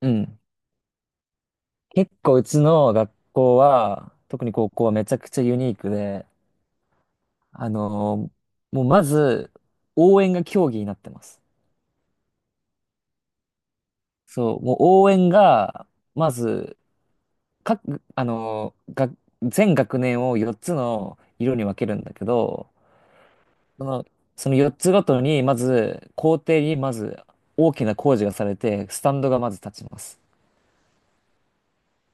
うん。結構うちの学校は、特に高校はめちゃくちゃユニークで、あのーもうまず、応援が競技になってます。そう、もう応援が、まず、各、あのーが、全学年を4つの色に分けるんだけど、その、その4つごとに、まず、校庭にまず大きな工事がされて、スタンドがまず立ちます。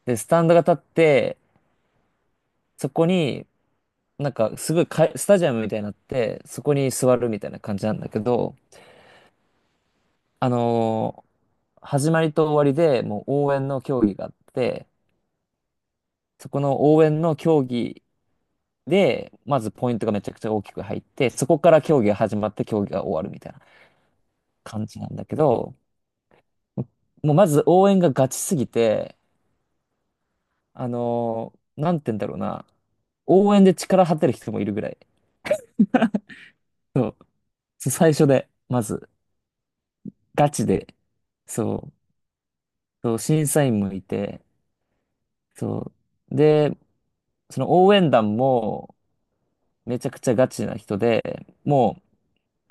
で、スタンドが立って、そこになんかすごいかいスタジアムみたいになって、そこに座るみたいな感じなんだけど、あのー始まりと終わりでもう応援の競技があって、そこの応援の競技で、まずポイントがめちゃくちゃ大きく入って、そこから競技が始まって競技が終わるみたいな感じなんだけど、もうまず応援がガチすぎて、なんて言うんだろうな、応援で力張ってる人もいるぐらい。そう、そう最初で、まず、ガチで、そう、そう審査員もいて、そう。で、その応援団もめちゃくちゃガチな人で、も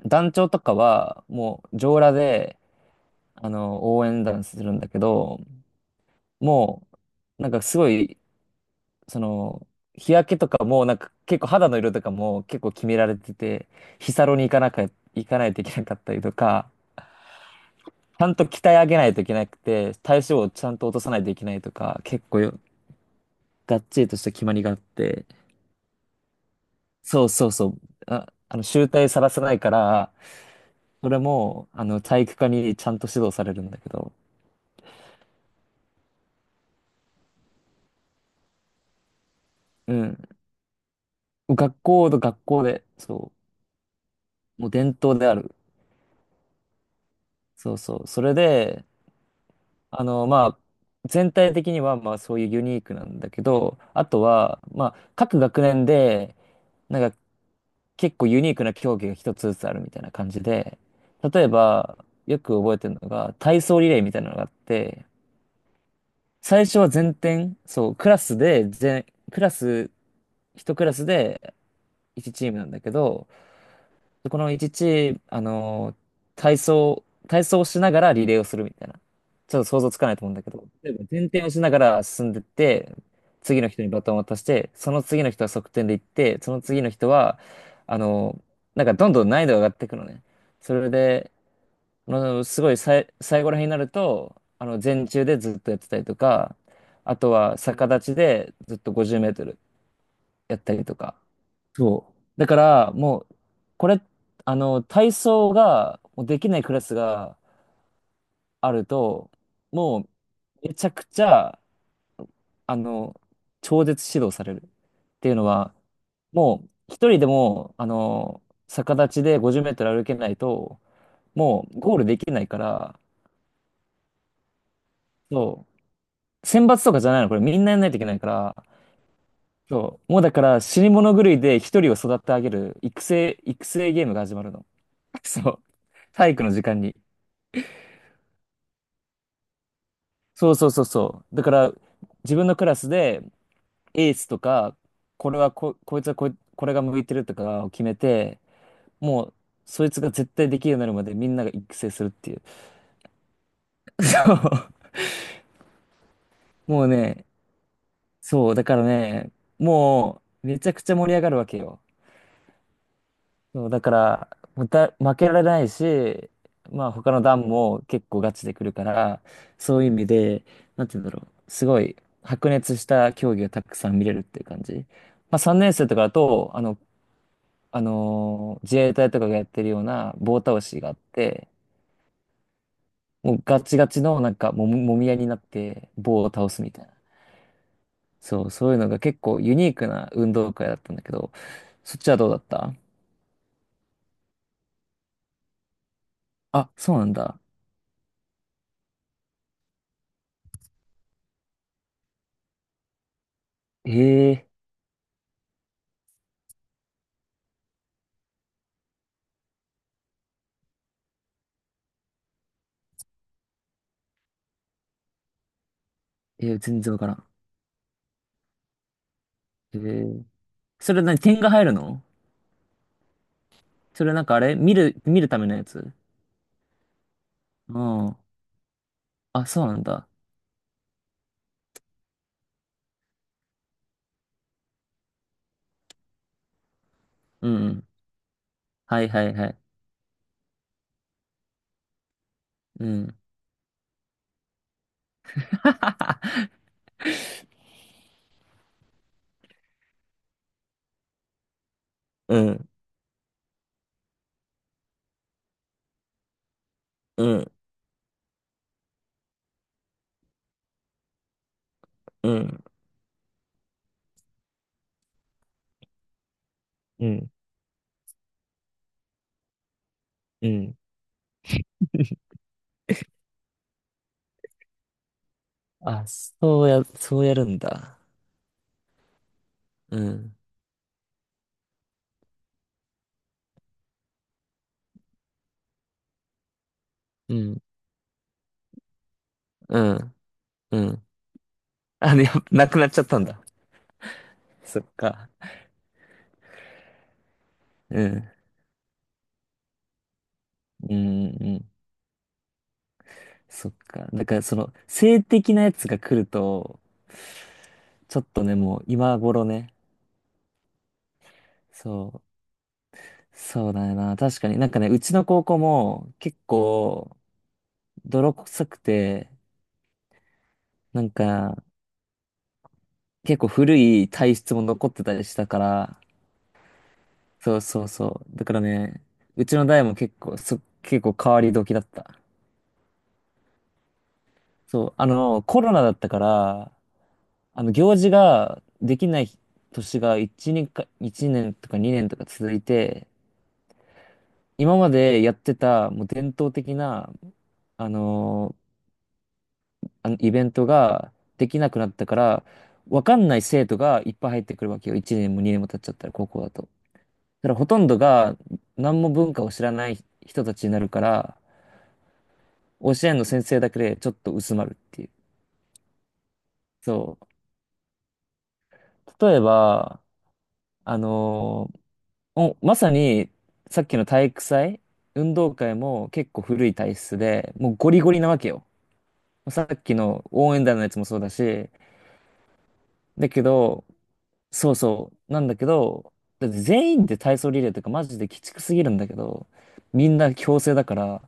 う団長とかはもう上裸で、応援団するんだけど、もう、なんかすごい、その、日焼けとかも、なんか結構肌の色とかも結構決められてて、日サロに行かなきゃ、行かないといけなかったりとか、ちゃんと鍛え上げないといけなくて、体脂肪をちゃんと落とさないといけないとか、結構がっちりとした決まりがあって、そうそうそう。あ、醜態さらさないから、それも、体育科にちゃんと指導されるんだけど、うん。学校と学校で、そう、もう伝統である。そうそう。それで、まあ、全体的には、まあ、そういうユニークなんだけど、あとは、まあ、各学年で、なんか、結構ユニークな競技が一つずつあるみたいな感じで、例えば、よく覚えてるのが、体操リレーみたいなのがあって、最初は全点、そう、クラスで、クラス、一クラスで1チームなんだけど、この1チーム、体操をしながらリレーをするみたいな。ちょっと想像つかないと思うんだけど、例えば前転をしながら進んでって、次の人にバトンを渡して、その次の人は側転で行って、その次の人は、あのなんかどんどん難易度が上がっていくのね。それで、すごいさい、最後ら辺になると、前中でずっとやってたりとか、あとは逆立ちでずっと50メートルやったりとか。そう。だから、もう、これ、体操がもうできないクラスがあると、もう、めちゃくちゃ、あの、超絶指導されるっていうのは、もう、一人でも、逆立ちで50メートル歩けないと、もう、ゴールできないから、そう選抜とかじゃないの、これみんなやんないといけないから、そう、もうだから死に物狂いで一人を育て上げる育成ゲームが始まるの。そう。体育の時間に。そうそうそうそう。だから自分のクラスでエースとか、これはこ、こいつはこい、これが向いてるとかを決めて、もうそいつが絶対できるようになるまでみんなが育成するっていう。そう。もうね、そう、だからね、もうめちゃくちゃ盛り上がるわけよ。そう、だから、負けられないし、まあ他の段も結構ガチで来るから、そういう意味で、なんて言うんだろう、すごい白熱した競技がたくさん見れるっていう感じ。まあ3年生とかだと、自衛隊とかがやってるような棒倒しがあって、もうガチガチのなんかもみ合いになって棒を倒すみたいな。そう、そういうのが結構ユニークな運動会だったんだけど、そっちはどうだった？あ、そうなんだ。えええ全然わからん。えー、それ何点が入るの？それなんかあれ見るためのやつ？うん。あ、そうなんだ。うん。はいはいはい。うん。うん、うん、うん、うん、うん。あ、そうや、そうやるんだ。うん、うん、うん、うん。あ、で、やっぱなくなっちゃったんだ。そっか。うん、うん、うん。そっか。だから、その、性的なやつが来ると、ちょっとね、もう今頃ね、そう。そうだよな。確かになんかね、うちの高校も結構泥臭くて、なんか結構古い体質も残ってたりしたから、そうそうそう。だからね、うちの代も結構変わり時だった。そう、コロナだったから、行事ができない年が1年とか2年とか続いて、今までやってたもう伝統的な、あのイベントができなくなったから、わかんない生徒がいっぱい入ってくるわけよ。1年も2年も経っちゃったら、高校だと。だからほとんどが何も文化を知らない人たちになるから、教えんの先生だけでちょっと薄まるっていう。そう。例えば、あのーまさにさっきの体育祭、運動会も結構古い体質で、もうゴリゴリなわけよ。さっきの応援団のやつもそうだし、だけど、そうそう。なんだけど、だって全員で体操リレーとかマジで鬼畜すぎるんだけど、みんな強制だから、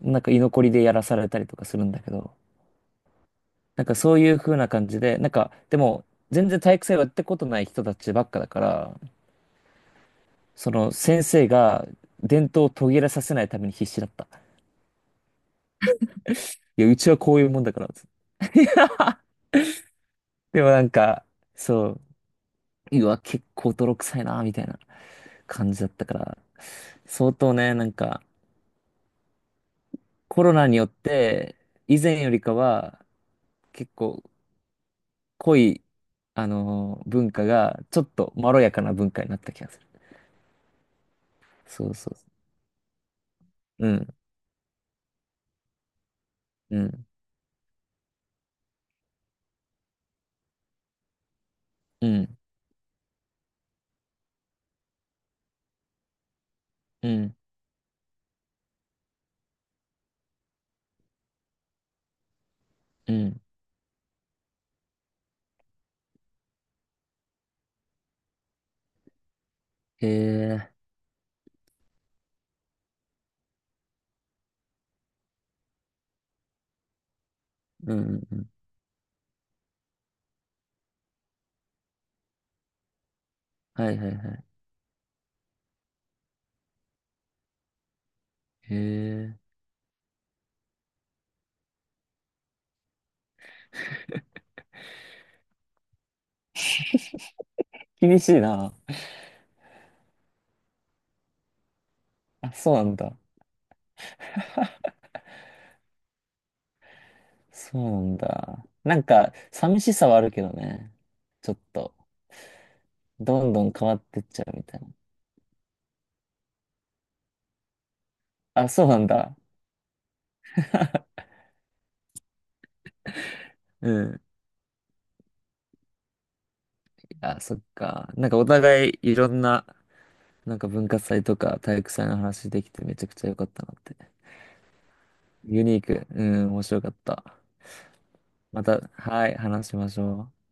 なんか居残りでやらされたりとかするんだけど、なんかそういう風な感じで、なんかでも全然体育祭をやったことない人たちばっかだから、その先生が伝統を途切れさせないために必死だった。いや、うちはこういうもんだから。つって でもなんか、そう、うわ、結構泥臭いな、みたいな感じだったから、相当ね、なんか、コロナによって、以前よりかは、結構濃い、文化が、ちょっとまろやかな文化になった気がする。そうそう。うん、うん、うん、うん、うん。へえ、うん、うんうん。はいはいはい。へえ。厳しいな。あ、そうなんだ。そうなんだ。なんか、寂しさはあるけどね。ちょっと、どんどん変わってっちゃうみたいな。あ、そうなんだ。うん。あ、そっか。なんかお互いいろんななんか文化祭とか体育祭の話できてめちゃくちゃ良かったなって。ユニーク。うん、面白かった。また、はい、話しましょう。